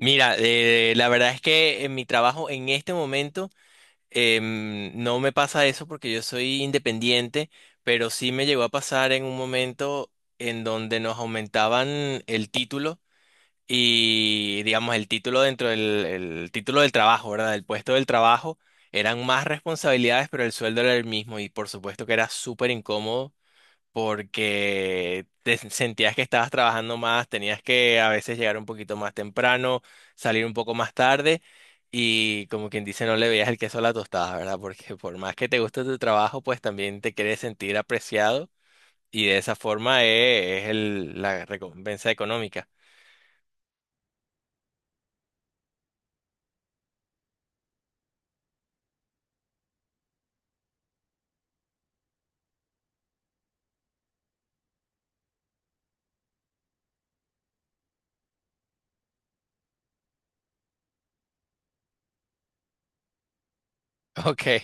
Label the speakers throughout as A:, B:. A: Mira, la verdad es que en mi trabajo en este momento no me pasa eso porque yo soy independiente, pero sí me llegó a pasar en un momento en donde nos aumentaban el título y digamos el título dentro del el título del trabajo, ¿verdad? El puesto del trabajo eran más responsabilidades, pero el sueldo era el mismo y por supuesto que era súper incómodo porque te sentías que estabas trabajando más, tenías que a veces llegar un poquito más temprano, salir un poco más tarde y como quien dice no le veías el queso a la tostada, ¿verdad? Porque por más que te guste tu trabajo, pues también te quieres sentir apreciado y de esa forma la recompensa económica. Ok.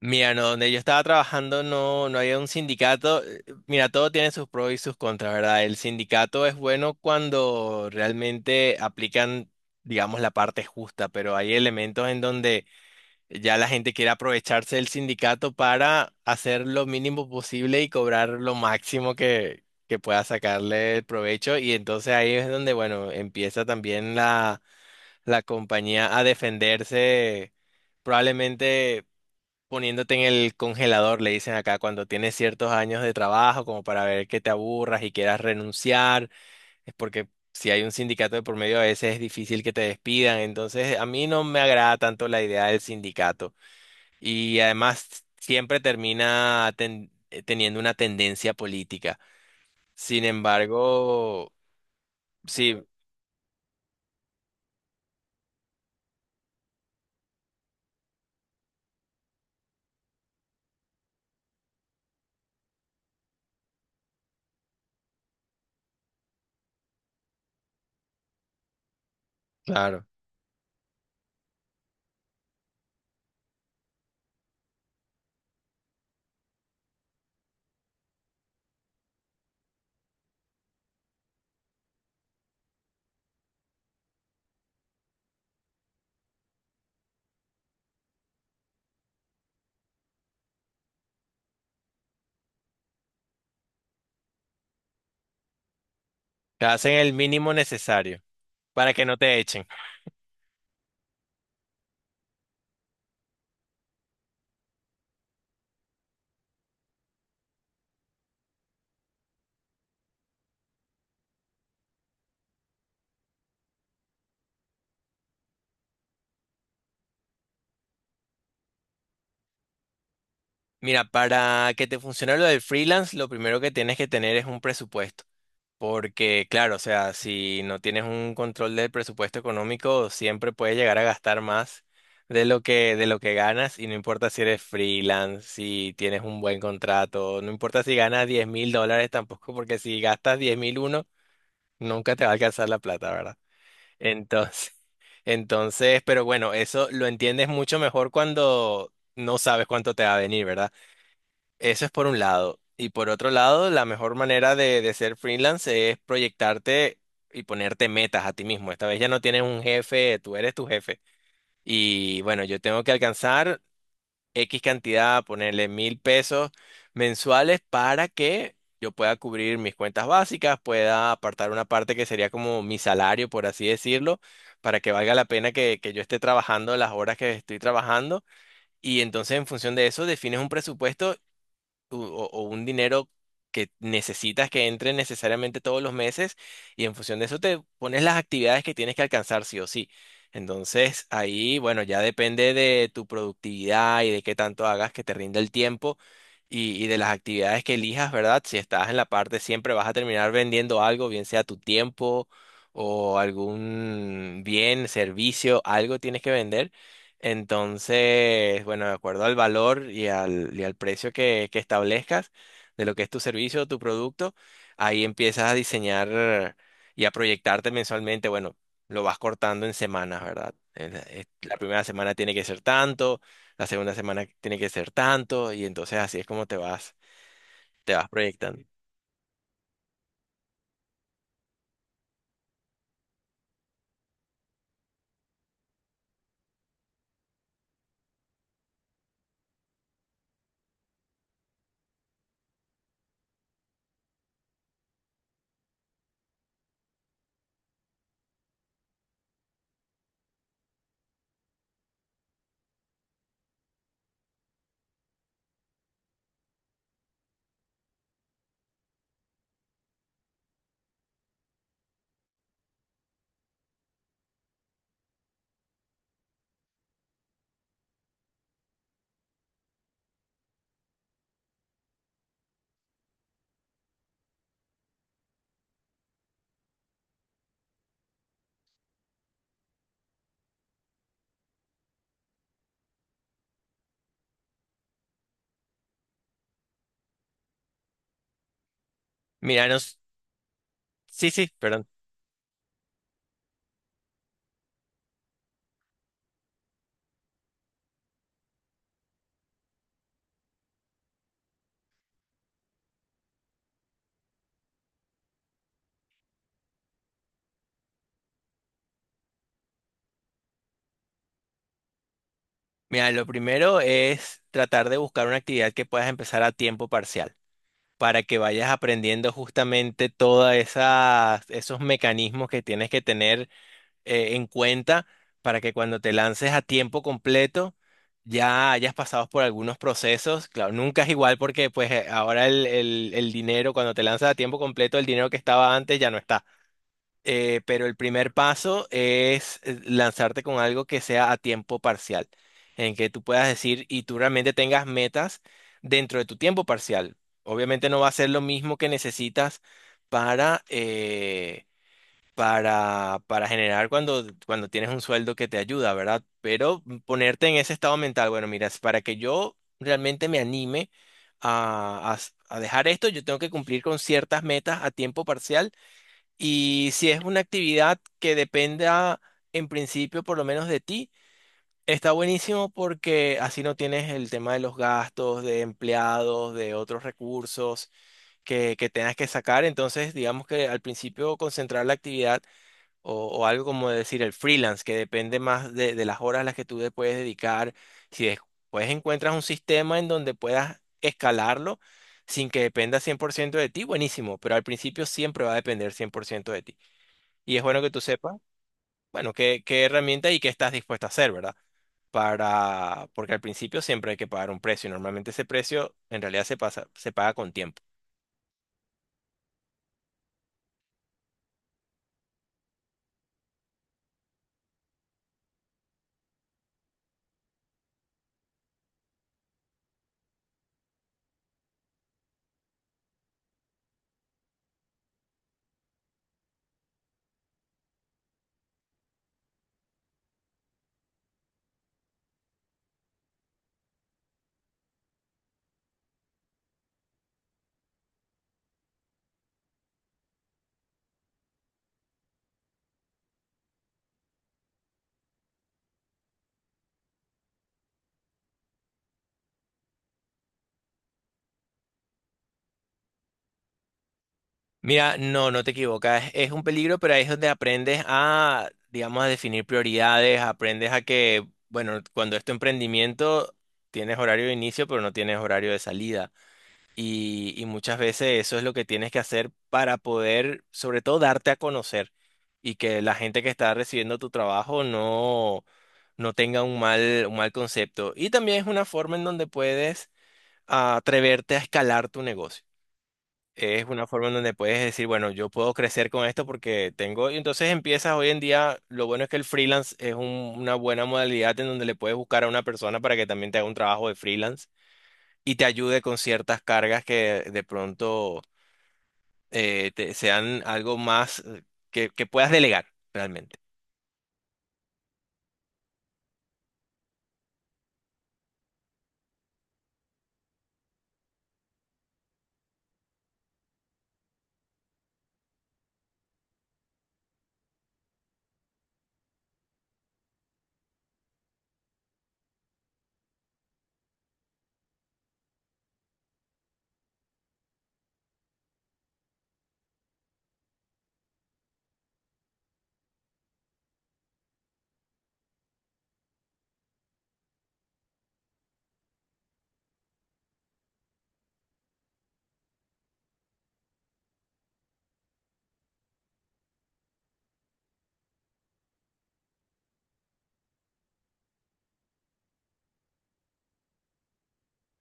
A: Mira, no, donde yo estaba trabajando no, no había un sindicato. Mira, todo tiene sus pros y sus contras, ¿verdad? El sindicato es bueno cuando realmente aplican, digamos, la parte justa, pero hay elementos en donde ya la gente quiere aprovecharse del sindicato para hacer lo mínimo posible y cobrar lo máximo que pueda sacarle el provecho. Y entonces ahí es donde, bueno, empieza también la compañía a defenderse probablemente poniéndote en el congelador, le dicen acá, cuando tienes ciertos años de trabajo, como para ver que te aburras y quieras renunciar, es porque si hay un sindicato de por medio a veces es difícil que te despidan, entonces a mí no me agrada tanto la idea del sindicato y además siempre termina teniendo una tendencia política. Sin embargo, sí, claro, te hacen el mínimo necesario para que no te echen. Mira, para que te funcione lo del freelance, lo primero que tienes que tener es un presupuesto. Porque, claro, o sea, si no tienes un control del presupuesto económico, siempre puedes llegar a gastar más de de lo que ganas, y no importa si eres freelance, si tienes un buen contrato, no importa si ganas 10.000 dólares tampoco, porque si gastas 10.001, nunca te va a alcanzar la plata, ¿verdad? Entonces, entonces, pero bueno, eso lo entiendes mucho mejor cuando no sabes cuánto te va a venir, ¿verdad? Eso es por un lado. Y por otro lado, la mejor manera de ser freelance es proyectarte y ponerte metas a ti mismo. Esta vez ya no tienes un jefe, tú eres tu jefe. Y bueno, yo tengo que alcanzar X cantidad, ponerle 1.000 pesos mensuales para que yo pueda cubrir mis cuentas básicas, pueda apartar una parte que sería como mi salario, por así decirlo, para que valga la pena que yo esté trabajando las horas que estoy trabajando. Y entonces en función de eso defines un presupuesto o un dinero que necesitas que entre necesariamente todos los meses y en función de eso te pones las actividades que tienes que alcanzar sí o sí. Entonces ahí, bueno, ya depende de tu productividad y de qué tanto hagas que te rinda el tiempo y de las actividades que elijas, ¿verdad? Si estás en la parte siempre vas a terminar vendiendo algo, bien sea tu tiempo o algún bien, servicio, algo tienes que vender. Entonces, bueno, de acuerdo al valor y al precio que establezcas de lo que es tu servicio o tu producto, ahí empiezas a diseñar y a proyectarte mensualmente. Bueno, lo vas cortando en semanas, ¿verdad? En La La primera semana tiene que ser tanto, la segunda semana tiene que ser tanto, y entonces así es como te vas proyectando. Mira, nos- sí, sí, perdón. Mira, lo primero es tratar de buscar una actividad que puedas empezar a tiempo parcial. Para que vayas aprendiendo justamente todos esos mecanismos que tienes que tener en cuenta para que cuando te lances a tiempo completo ya hayas pasado por algunos procesos. Claro, nunca es igual porque pues ahora el dinero, cuando te lanzas a tiempo completo, el dinero que estaba antes ya no está. Pero el primer paso es lanzarte con algo que sea a tiempo parcial, en que tú puedas decir y tú realmente tengas metas dentro de tu tiempo parcial. Obviamente no va a ser lo mismo que necesitas para, eh, para generar cuando tienes un sueldo que te ayuda, ¿verdad? Pero ponerte en ese estado mental, bueno, mira, es para que yo realmente me anime a, a a dejar esto, yo tengo que cumplir con ciertas metas a tiempo parcial y si es una actividad que dependa en principio por lo menos de ti, está buenísimo porque así no tienes el tema de los gastos, de empleados, de otros recursos que tengas que sacar. Entonces, digamos que al principio concentrar la actividad o algo como decir el freelance, que depende más de las horas a las que tú le puedes dedicar. Si después encuentras un sistema en donde puedas escalarlo sin que dependa 100% de ti, buenísimo, pero al principio siempre va a depender 100% de ti. Y es bueno que tú sepas, bueno, qué herramienta y qué estás dispuesto a hacer, ¿verdad? Porque al principio siempre hay que pagar un precio y normalmente ese precio en realidad se pasa, se paga con tiempo. Mira, no, no te equivocas, es un peligro, pero ahí es donde aprendes a, digamos, a definir prioridades, aprendes a que, bueno, cuando es tu emprendimiento, tienes horario de inicio, pero no tienes horario de salida. Y muchas veces eso es lo que tienes que hacer para poder, sobre todo, darte a conocer y que la gente que está recibiendo tu trabajo no, no tenga un mal concepto. Y también es una forma en donde puedes atreverte a escalar tu negocio. Es una forma en donde puedes decir, bueno, yo puedo crecer con esto porque tengo... Y entonces empiezas hoy en día, lo bueno es que el freelance es una buena modalidad en donde le puedes buscar a una persona para que también te haga un trabajo de freelance y te ayude con ciertas cargas que de pronto sean algo más que puedas delegar realmente.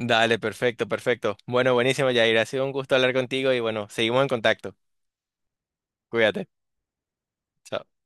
A: Dale, perfecto, perfecto. Bueno, buenísimo, Yair. Ha sido un gusto hablar contigo y bueno, seguimos en contacto. Cuídate. Chao.